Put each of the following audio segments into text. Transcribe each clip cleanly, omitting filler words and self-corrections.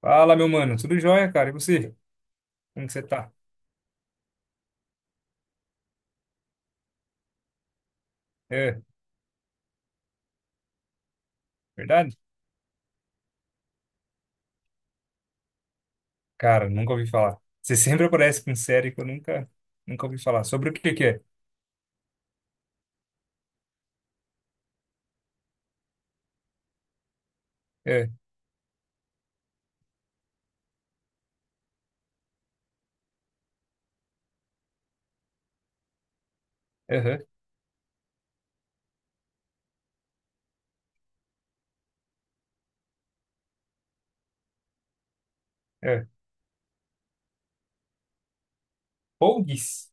Fala, meu mano. Tudo jóia, cara? E você? Como que você tá? É, verdade? Cara, nunca ouvi falar. Você sempre aparece com série que eu nunca, nunca ouvi falar. Sobre o que que é? É, aham, é. Pogues?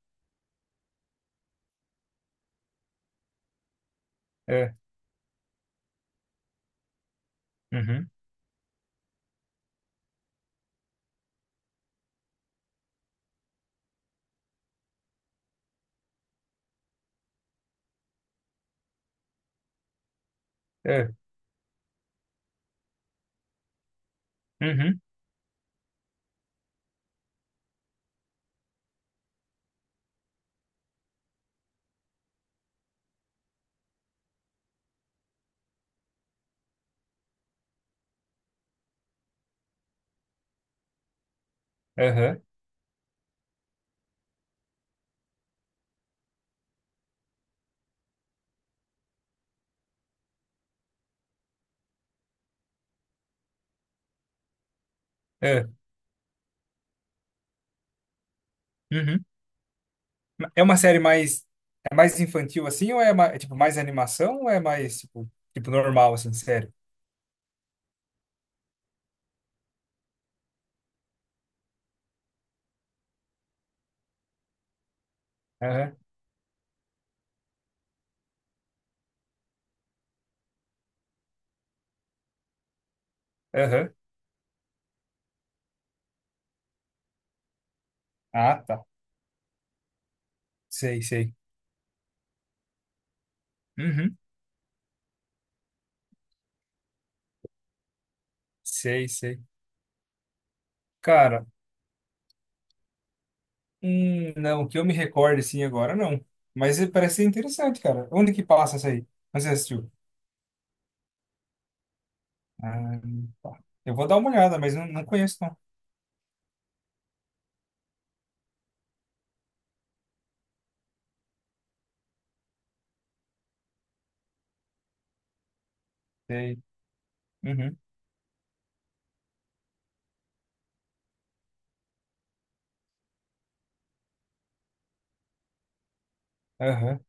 É, uhum, é, uhum, aham, é, uhum. É uma série mais, é mais infantil assim ou é tipo mais animação ou é mais tipo normal assim, sério? Aham, aham. Ah, tá. Sei, sei. Uhum, sei, sei. Cara, não, que eu me recorde assim agora, não. Mas parece ser interessante, cara. Onde que passa essa aí? Onde você assistiu? Ah, tá. Eu vou dar uma olhada, mas não, não conheço, não. Sei. Uhum, aham,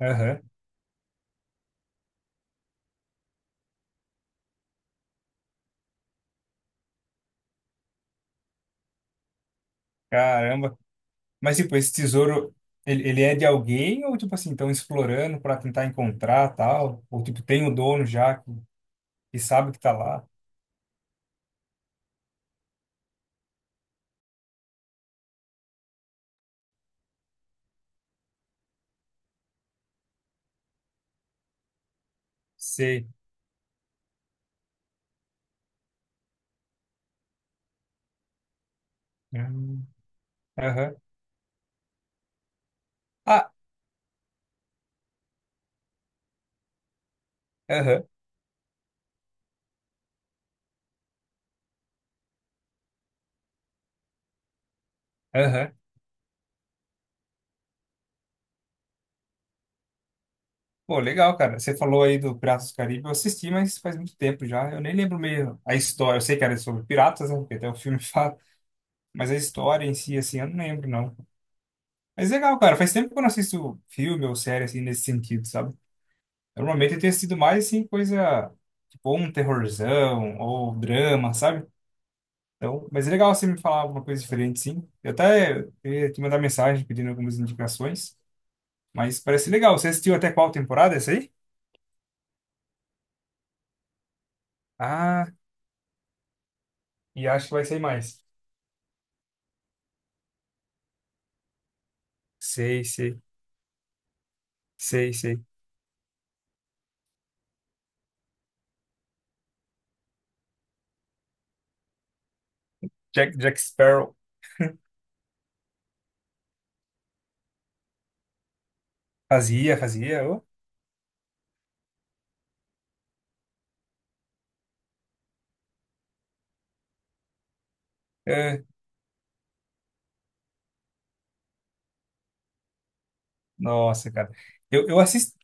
aham. Caramba. Mas, tipo, esse tesouro, ele é de alguém ou, tipo assim, estão explorando para tentar encontrar tal? Ou, tipo, tem o dono já que sabe que tá lá? Sei. Hum, Aham. Ah, aham, aham. Pô, legal, cara. Você falou aí do Piratas do Caribe. Eu assisti, mas faz muito tempo já. Eu nem lembro meio a história. Eu sei que era sobre piratas, né? Porque até o filme fala. Mas a história em si, assim, eu não lembro, não. Mas legal, cara. Faz tempo que eu não assisto filme ou série, assim, nesse sentido, sabe? Normalmente eu tenho assistido mais, assim, coisa. Tipo, ou um terrorzão ou drama, sabe? Então, mas é legal você me falar alguma coisa diferente, sim. Eu até ia te mandar mensagem pedindo algumas indicações. Mas parece legal. Você assistiu até qual temporada essa aí? Ah, e acho que vai sair mais. Sei, sei, sei, sei. Jack Sparrow fazia, fazia. Ô. É, nossa, cara. Eu assisti.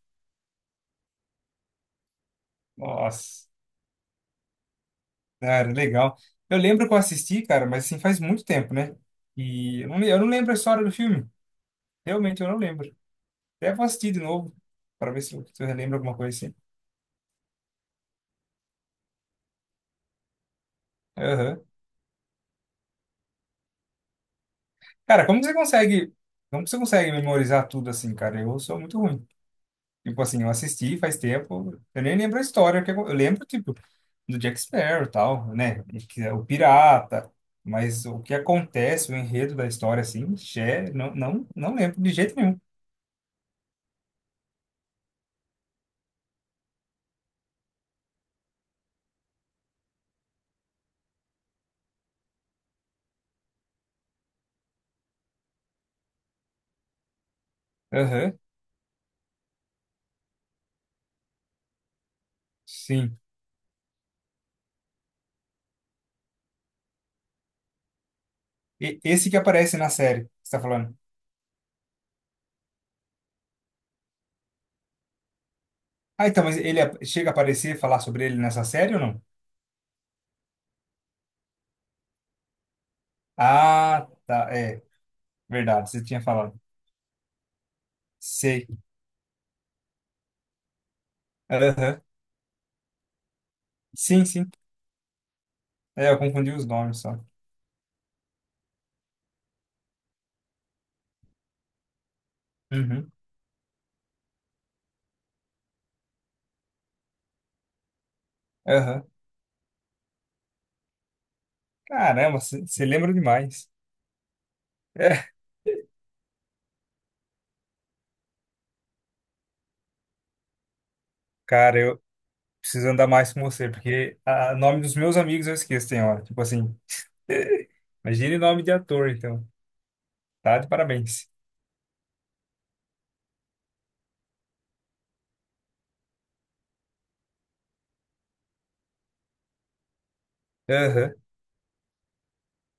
Nossa, cara, legal. Eu lembro que eu assisti, cara, mas assim, faz muito tempo, né? Eu não lembro a história do filme. Realmente, eu não lembro. Até vou assistir de novo, para ver se eu relembro alguma coisa assim. Aham. Cara, Como que você consegue memorizar tudo assim, cara? Eu sou muito ruim. Tipo assim, eu assisti faz tempo, eu nem lembro a história, que eu lembro, tipo, do Jack Sparrow e tal, né? E que é O pirata, mas o que acontece, o enredo da história, assim, xé, não, não, não lembro de jeito nenhum. Aham, sim. E esse que aparece na série, que você tá falando. Ah, então, mas chega a aparecer, e falar sobre ele nessa série ou não? Ah, tá, é, verdade, você tinha falado. Sei. Aham, sim, sim. É, eu confundi os nomes só. Uhum, aham. Caramba, você lembra demais. É, cara, eu preciso andar mais com você, porque o nome dos meus amigos eu esqueço, tem hora. Tipo assim, imagine nome de ator, então. Tá de parabéns. Aham,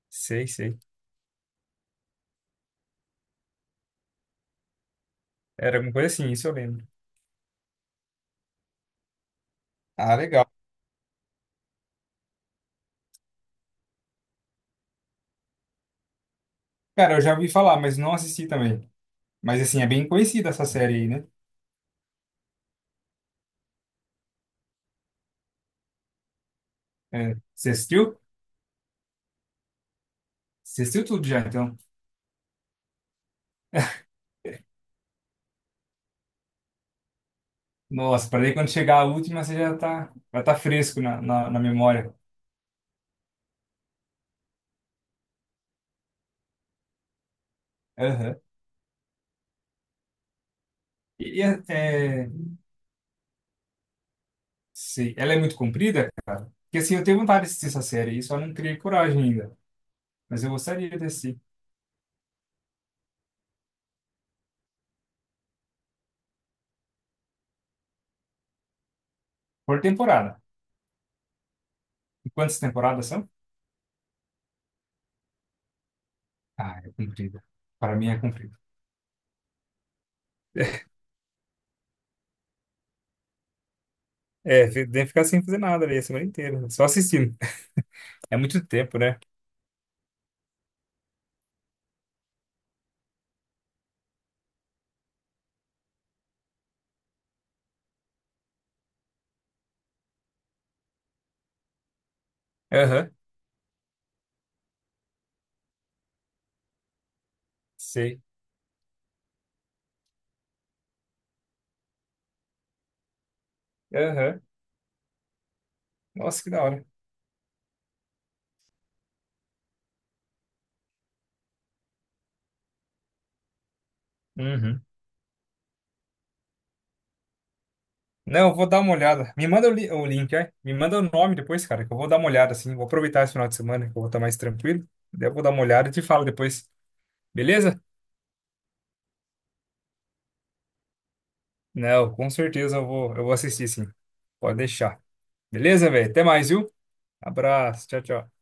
sei, sei. Era alguma coisa assim, isso eu lembro. Ah, legal. Cara, eu já ouvi falar, mas não assisti também. Mas assim, é bem conhecida essa série aí, né? É, você assistiu? Você assistiu tudo já, então. Nossa, para daí quando chegar a última, você já tá fresco na, na, na memória. Aham. E, é, sei. Ela é muito comprida? Porque assim, eu tenho vontade de assistir essa série e só não criei coragem ainda. Mas eu gostaria de assistir. Por temporada. E quantas temporadas são? Ah, é comprida. Para mim é comprida. É, tem que ficar sem fazer nada ali a semana inteira, só assistindo. É muito tempo, né? Aham, sei. Aham. Nossa, que da hora. Uhum. Não, eu vou dar uma olhada. Me manda o link, é? Me manda o nome depois, cara, que eu vou dar uma olhada, assim. Vou aproveitar esse final de semana, que eu vou estar mais tranquilo. Daí eu vou dar uma olhada e te falo depois. Beleza? Não, com certeza eu vou assistir sim. Pode deixar. Beleza, velho? Até mais, viu? Abraço. Tchau, tchau.